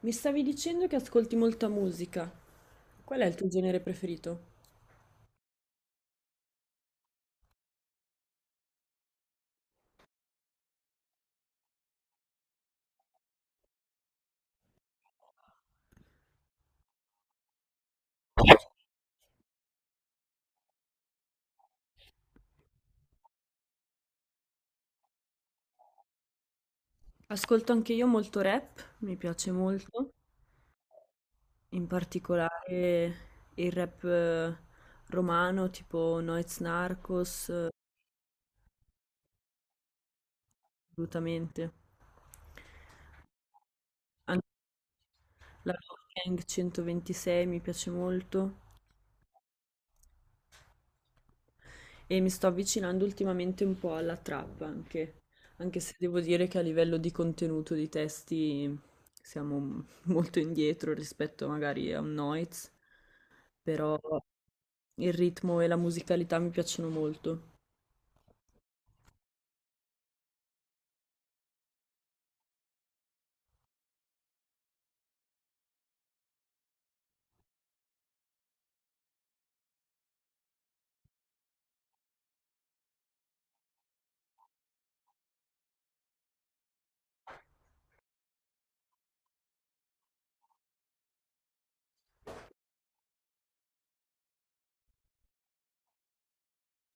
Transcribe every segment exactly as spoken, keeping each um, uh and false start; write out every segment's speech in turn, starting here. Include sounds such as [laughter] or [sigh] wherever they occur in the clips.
Mi stavi dicendo che ascolti molta musica. Qual è il tuo genere preferito? Ascolto anche io molto rap, mi piace molto, in particolare il rap eh, romano, tipo Noyz Narcos, eh, assolutamente. Anche la Gang uno due sei mi piace molto. E mi sto avvicinando ultimamente un po' alla trap anche, anche se devo dire che a livello di contenuto di testi siamo m- molto indietro rispetto magari a un Noiz, però il ritmo e la musicalità mi piacciono molto,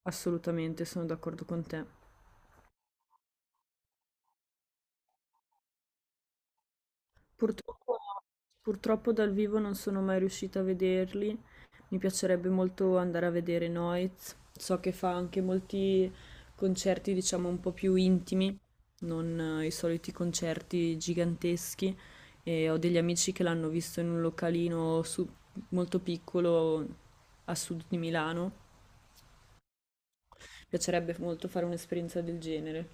assolutamente, sono d'accordo con te. Purtroppo, purtroppo dal vivo non sono mai riuscita a vederli. Mi piacerebbe molto andare a vedere Noiz. So che fa anche molti concerti, diciamo, un po' più intimi, non eh, i soliti concerti giganteschi. E ho degli amici che l'hanno visto in un localino su- molto piccolo a sud di Milano. Mi piacerebbe molto fare un'esperienza del genere.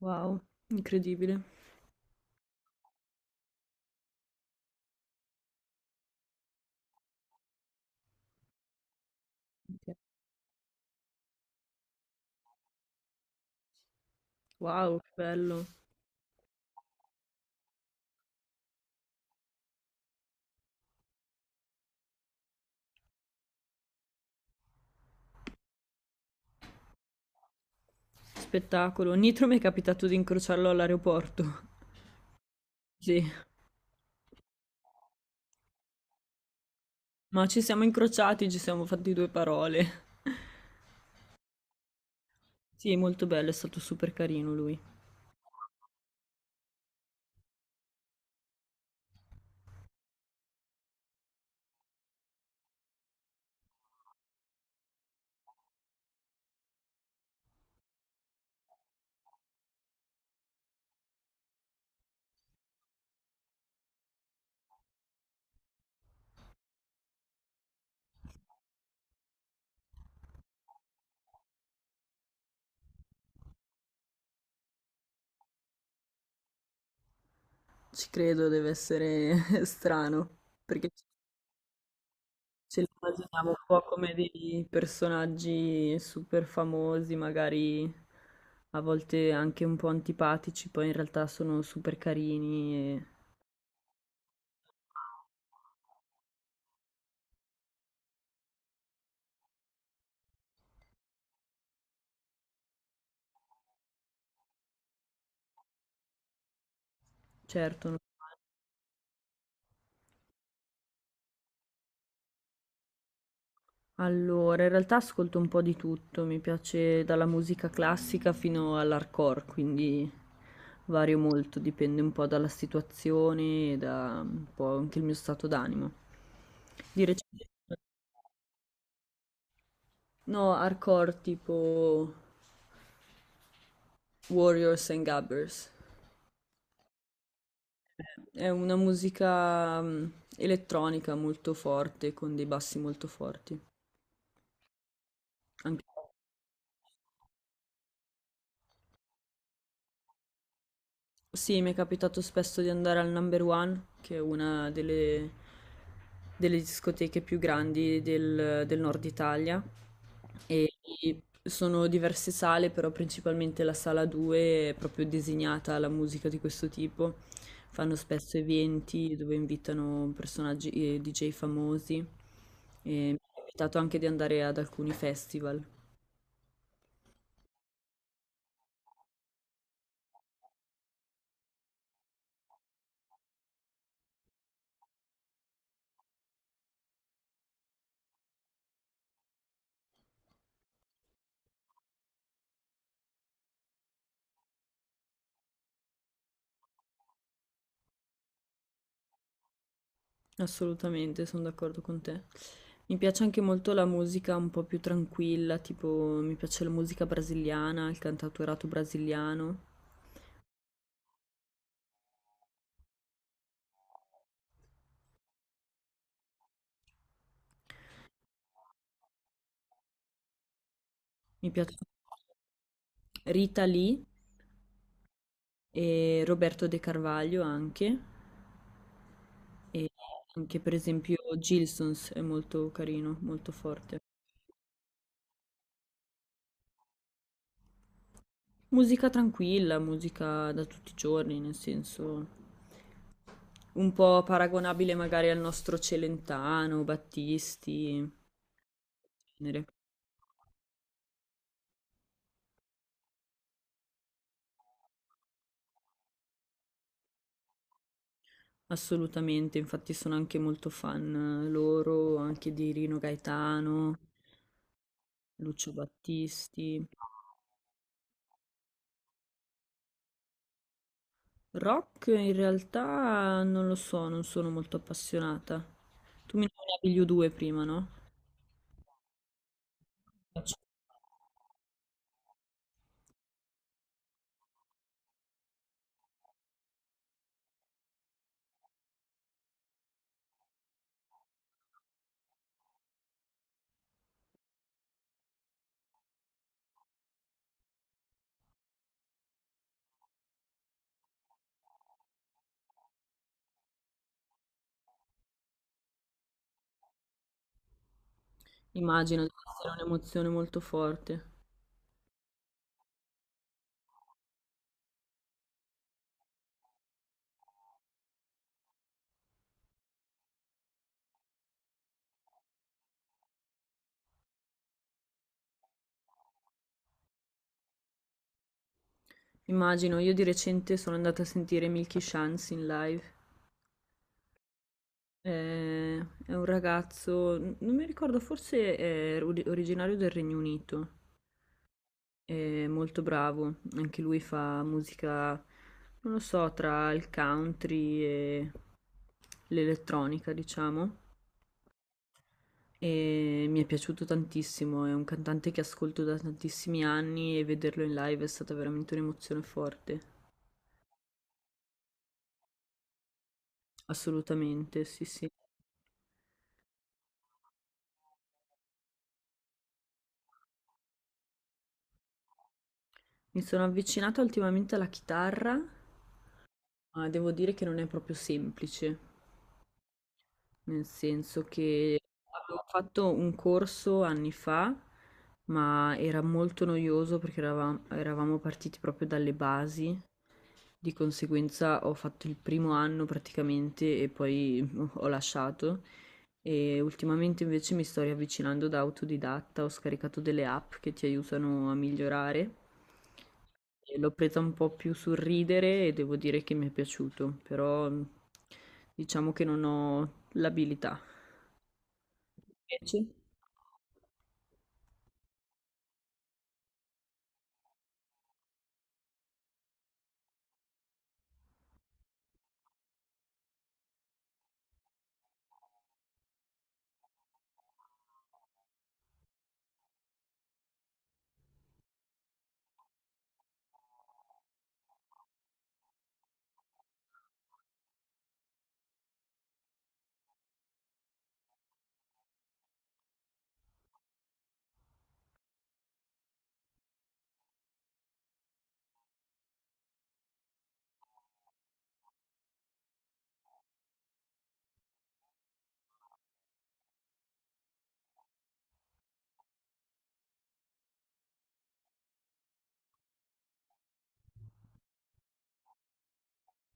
Wow, incredibile. Ok. Wow, che bello. Spettacolo. Nitro mi è capitato di incrociarlo all'aeroporto. [laughs] Sì. Ma ci siamo incrociati, ci siamo fatti due parole. [laughs] Sì, molto bello, è stato super carino lui. Ci credo, deve essere [laughs] strano, perché ce ce li immaginiamo un po' come dei personaggi super famosi, magari a volte anche un po' antipatici, poi in realtà sono super carini e certo. non- Allora, in realtà ascolto un po' di tutto, mi piace dalla musica classica fino all'hardcore, quindi vario molto, dipende un po' dalla situazione e da un po' anche il mio stato d'animo. Di recente, no, hardcore tipo Warriors and Gabbers. È una musica mm, elettronica molto forte, con dei bassi molto forti. Sì, mi è capitato spesso di andare al Number One, che è una delle, delle discoteche più grandi del, del nord Italia. E sono diverse sale, però principalmente la sala due è proprio designata alla musica di questo tipo. Fanno spesso eventi dove invitano personaggi e D J famosi. E mi è capitato anche di andare ad alcuni festival. Assolutamente, sono d'accordo con te. Mi piace anche molto la musica un po' più tranquilla, tipo mi piace la musica brasiliana, il cantautorato brasiliano. Mi piace Rita Lee e Roberto De Carvalho anche. E anche per esempio Gilsons è molto carino, molto forte. Musica tranquilla, musica da tutti i giorni, nel senso un po' paragonabile magari al nostro Celentano, Battisti, genere. Assolutamente, infatti sono anche molto fan eh, loro, anche di Rino Gaetano, Lucio Battisti. Rock in realtà non lo so, non sono molto appassionata. Tu mi nominavi gli u due prima, no? Immagino di essere un'emozione molto forte. Immagino, io di recente sono andata a sentire Milky Chance in live. Eh, È un ragazzo, n- non mi ricordo, forse è ori- originario del Regno Unito. È molto bravo, anche lui fa musica, non lo so, tra il country e l'elettronica, diciamo. E mi è piaciuto tantissimo, è un cantante che ascolto da tantissimi anni e vederlo in live è stata veramente un'emozione forte. Assolutamente, sì, sì. Mi sono avvicinata ultimamente alla chitarra, ma devo dire che non è proprio semplice. Nel senso che avevo fatto un corso anni fa, ma era molto noioso perché erava- eravamo partiti proprio dalle basi, di conseguenza ho fatto il primo anno praticamente e poi [laughs] ho lasciato. E ultimamente invece mi sto riavvicinando da autodidatta, ho scaricato delle app che ti aiutano a migliorare. E l'ho presa un po' più sul ridere e devo dire che mi è piaciuto, però mm, diciamo che non ho l'abilità. Invece?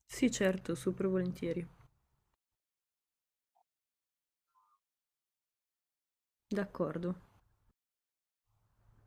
Sì, certo, super volentieri. D'accordo.